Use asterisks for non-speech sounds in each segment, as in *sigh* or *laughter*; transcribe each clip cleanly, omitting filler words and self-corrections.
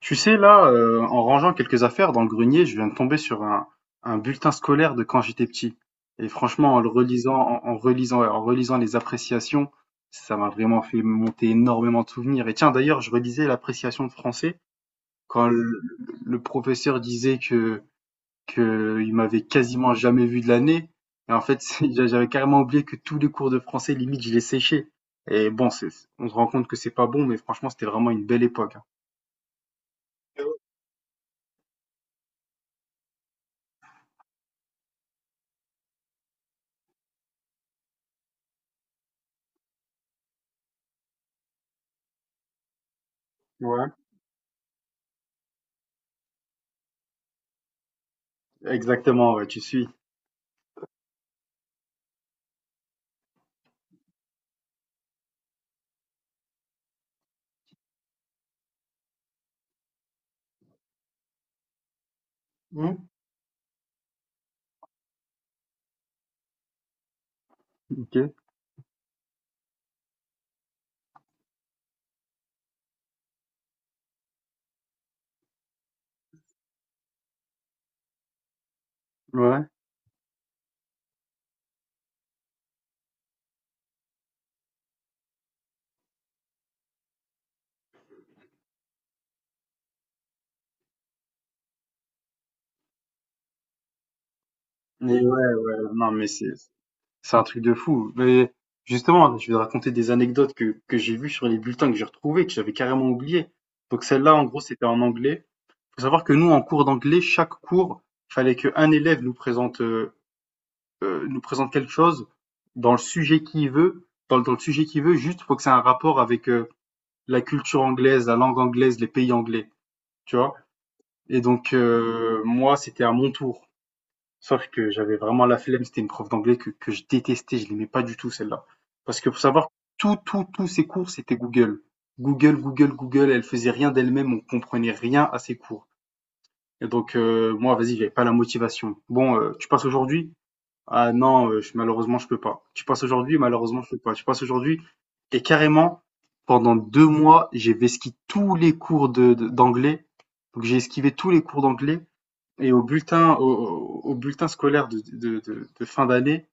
Tu sais, là, en rangeant quelques affaires dans le grenier, je viens de tomber sur un bulletin scolaire de quand j'étais petit. Et franchement, en le relisant, en, en relisant, ouais, en relisant les appréciations, ça m'a vraiment fait monter énormément de souvenirs. Et tiens, d'ailleurs, je relisais l'appréciation de français quand le professeur disait que il m'avait quasiment jamais vu de l'année. Et en fait, *laughs* j'avais carrément oublié que tous les cours de français, limite, je les séchais. Et bon, on se rend compte que c'est pas bon, mais franchement, c'était vraiment une belle époque, hein. Ouais. Exactement, ouais, tu suis. Hmm. OK, ouais. Mais ouais, non, mais c'est un truc de fou. Mais justement, je vais te raconter des anecdotes que j'ai vues sur les bulletins que j'ai retrouvés, que j'avais carrément oublié. Donc celle-là, en gros, c'était en anglais. Faut savoir que nous, en cours d'anglais, chaque cours, fallait qu'un élève nous présente quelque chose dans le sujet qu'il veut, dans le sujet qu'il veut. Juste, faut que c'est un rapport avec la culture anglaise, la langue anglaise, les pays anglais, tu vois. Et donc moi, c'était à mon tour. Sauf que j'avais vraiment la flemme, c'était une prof d'anglais que je détestais, je l'aimais pas du tout celle-là. Parce que faut savoir, tous ses cours, c'était Google. Google, Google, Google, elle faisait rien d'elle-même, on comprenait rien à ses cours. Et donc moi, vas-y, j'avais pas la motivation. Bon, tu passes aujourd'hui? Ah non, malheureusement, je peux pas. Tu passes aujourd'hui? Malheureusement, je peux pas. Tu passes aujourd'hui? Et carrément, pendant 2 mois, j'ai esquivé tous les cours d'anglais. Donc j'ai esquivé tous les cours d'anglais et au bulletin, au bulletin scolaire de fin d'année.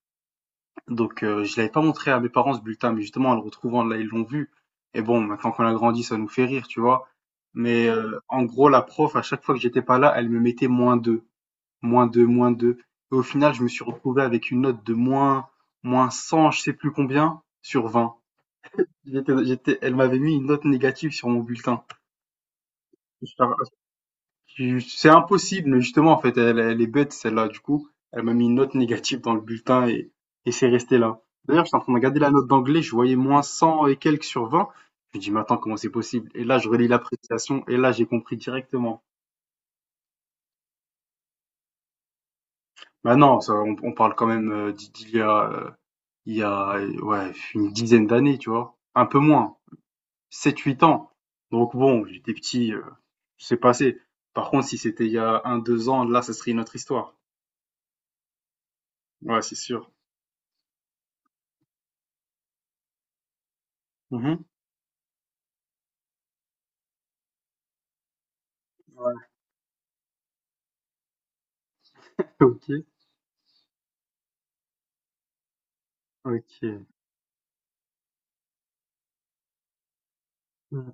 Donc, je l'avais pas montré à mes parents ce bulletin, mais justement, en le retrouvant là, ils l'ont vu. Et bon, maintenant qu'on a grandi, ça nous fait rire, tu vois. Mais en gros, la prof, à chaque fois que j'étais pas là, elle me mettait -2, -2, -2. Et au final, je me suis retrouvé avec une note de moins 100, je sais plus combien, sur 20. Elle m'avait mis une note négative sur mon bulletin. C'est impossible, mais justement, en fait, elle est bête, celle-là. Du coup, elle m'a mis une note négative dans le bulletin et c'est resté là. D'ailleurs, j'étais en train de regarder la note d'anglais, je voyais moins 100 et quelques sur vingt. Je me dis, mais attends, comment c'est possible? Et là, je relis l'appréciation et là, j'ai compris directement. Bah non, ça, on parle quand même il y a ouais, une dizaine d'années, tu vois. Un peu moins, sept huit ans. Donc bon, j'étais petit, c'est passé. Par contre, si c'était il y a un, deux ans, là, ça serait une autre histoire. Ouais, c'est sûr. Mhm. OK, OK. Mmh.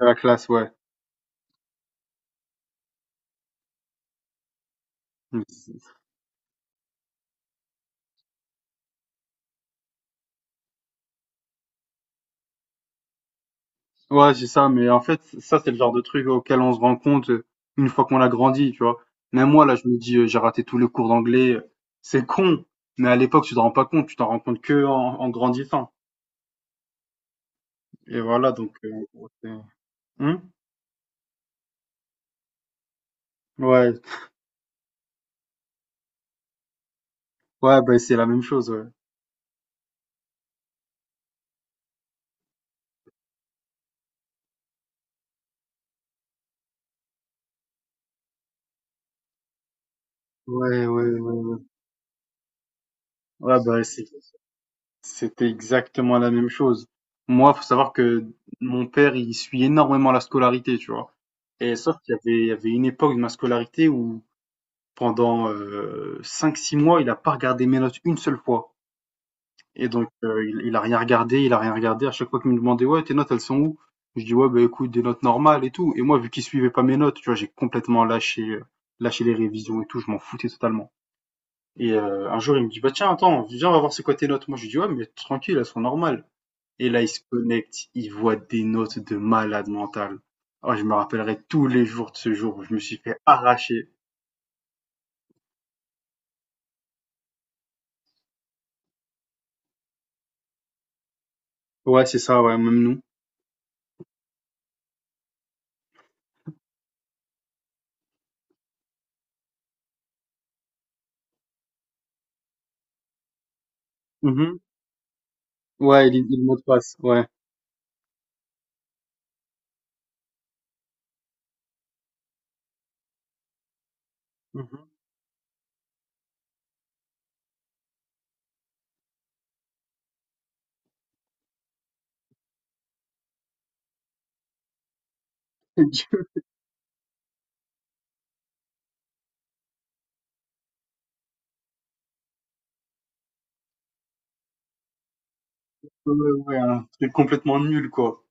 La classe, ouais. Mmh. Ouais, c'est ça, mais en fait, ça, c'est le genre de truc auquel on se rend compte, une fois qu'on a grandi, tu vois? Même moi, là, je me dis: «J'ai raté tous les cours d'anglais», c'est con, mais à l'époque, tu t'en rends pas compte, tu t'en rends compte que en grandissant et voilà, donc ouais, c'est mmh? Ouais, ouais, bah, c'est la même chose, ouais. Ouais, ouais, ouais. Ouais, bah, c'était exactement la même chose. Moi, faut savoir que mon père, il suit énormément la scolarité, tu vois? Et sauf qu'il y avait une époque de ma scolarité où pendant, 5-6 mois, il a pas regardé mes notes une seule fois. Et donc, il a rien regardé, il a rien regardé. À chaque fois qu'il me demandait: «Ouais, tes notes, elles sont où?» Je dis: «Ouais, bah, écoute, des notes normales et tout» et moi, vu qu'il suivait pas mes notes, tu vois, j'ai complètement lâché les révisions et tout, je m'en foutais totalement. Et un jour, il me dit: «Bah, tiens, attends, viens, on va voir c'est quoi tes notes». Moi, je lui dis: «Ouais, mais tranquille, elles sont normales». Et là, il se connecte, il voit des notes de malade mental. Oh, je me rappellerai tous les jours de ce jour où je me suis fait arracher. Ouais, c'est ça, ouais, même nous. Mhm. Ouais, il mot de passe, ouais. Mhm. *laughs* Du coup, ouais, ouais, hein. C'est complètement nul, quoi.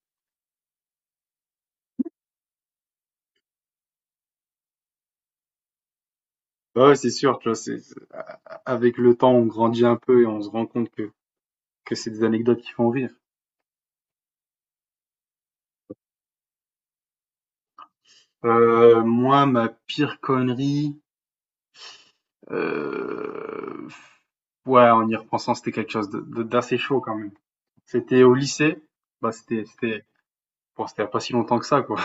Bah ouais, c'est sûr, tu vois, avec le temps, on grandit un peu et on se rend compte que c'est des anecdotes qui font rire. Moi, ma pire connerie, euh, ouais, en y repensant, c'était quelque chose d'assez chaud quand même. C'était au lycée. Bah, c'était bon, c'était il y a pas si longtemps que ça, quoi.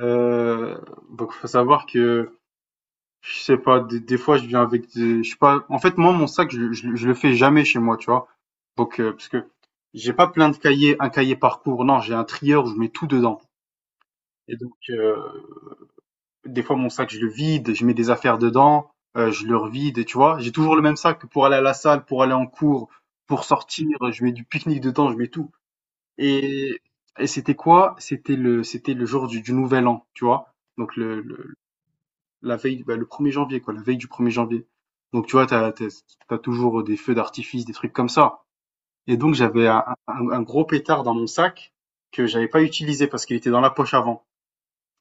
Heu, donc faut savoir que, je sais pas, des fois, je viens avec des je sais pas en fait, moi, mon sac, je le fais jamais chez moi, tu vois? Donc parce que j'ai pas plein de cahiers un cahier par cours, non, j'ai un trieur où je mets tout dedans et donc des fois, mon sac, je le vide, je mets des affaires dedans, je le revide et tu vois? J'ai toujours le même sac pour aller à la salle, pour aller en cours, pour sortir, je mets du pique-nique dedans, je mets tout. Et et c'était quoi? C'était le jour du nouvel an, tu vois? Donc le la veille, bah, le 1er janvier, quoi, la veille du 1er janvier. Donc tu vois, t'as t'as tu toujours des feux d'artifice, des trucs comme ça. Et donc j'avais un gros pétard dans mon sac que j'avais pas utilisé parce qu'il était dans la poche avant.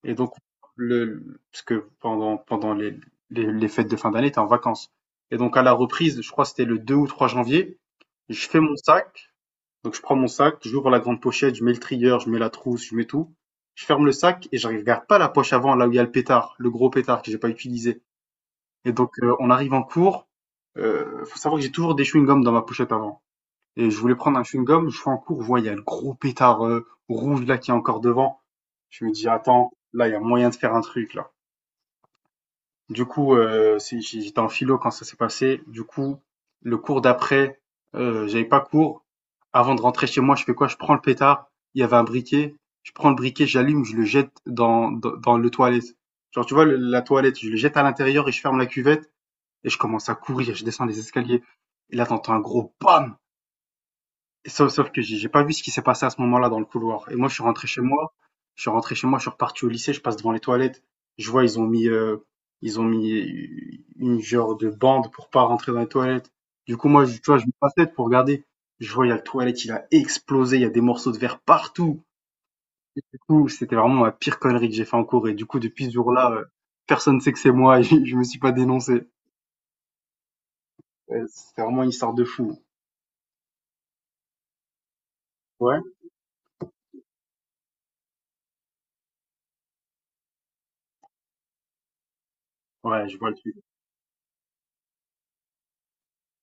Et donc le parce que pendant les fêtes de fin d'année, t'es en vacances. Et donc à la reprise, je crois que c'était le 2 ou 3 janvier, je fais mon sac donc je prends mon sac, j'ouvre la grande pochette, je mets le trieur, je mets la trousse, je mets tout. Je ferme le sac et je regarde pas la poche avant, là où il y a le pétard, le gros pétard que j'ai pas utilisé. Et donc on arrive en cours. Faut savoir que j'ai toujours des chewing-gums dans ma pochette avant. Et je voulais prendre un chewing-gum, je suis en cours, je vois il y a le gros pétard rouge là qui est encore devant. Je me dis attends, là il y a moyen de faire un truc là. Du coup, j'étais en philo quand ça s'est passé. Du coup, le cours d'après, j'avais pas cours. Avant de rentrer chez moi, je fais quoi? Je prends le pétard. Il y avait un briquet. Je prends le briquet, j'allume, je le jette dans le toilette. Genre, tu vois, la toilette, je le jette à l'intérieur et je ferme la cuvette et je commence à courir. Je descends les escaliers. Et là, t'entends un gros bam! Sauf que j'ai pas vu ce qui s'est passé à ce moment-là dans le couloir. Et moi, je suis rentré chez moi. Je suis rentré chez moi, je suis reparti au lycée, je passe devant les toilettes. Je vois, ils ont mis une genre de bande pour pas rentrer dans les toilettes. Du coup, moi, tu vois, je me passe tête pour regarder. Je vois, il y a le toilette, il a explosé, il y a des morceaux de verre partout. Et du coup, c'était vraiment la pire connerie que j'ai fait en cours. Et du coup, depuis ce jour-là, personne ne sait que c'est moi. *laughs* et je me suis pas dénoncé. Ouais, c'est vraiment une histoire de fou. Ouais. Ouais, je vois le truc.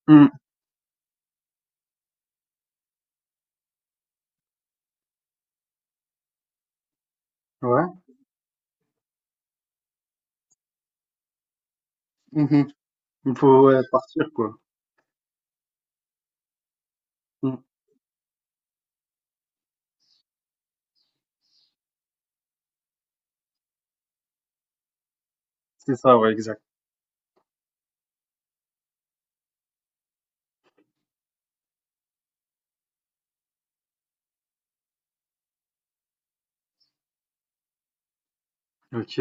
Hum. Ouais. Mhm. Il faut ouais, partir quoi. Mm. C'est ça, ouais, exact. OK.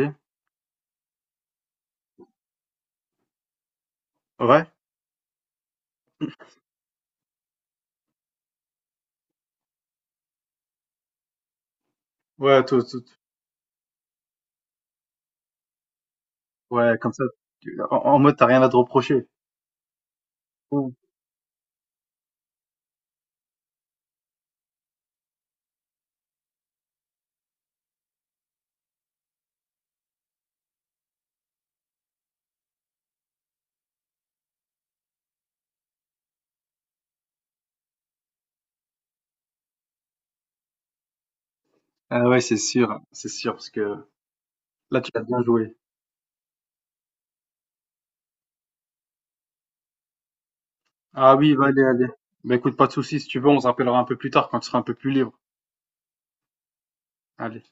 Ouais. Ouais, tout, tout. Ouais, comme ça, en mode t'as rien à te reprocher. Mm. Ah ouais, c'est sûr, parce que là tu as bien joué. Ah oui, va allez, allez. Bah écoute, pas de soucis, si tu veux, on se rappellera un peu plus tard quand tu seras un peu plus libre. Allez.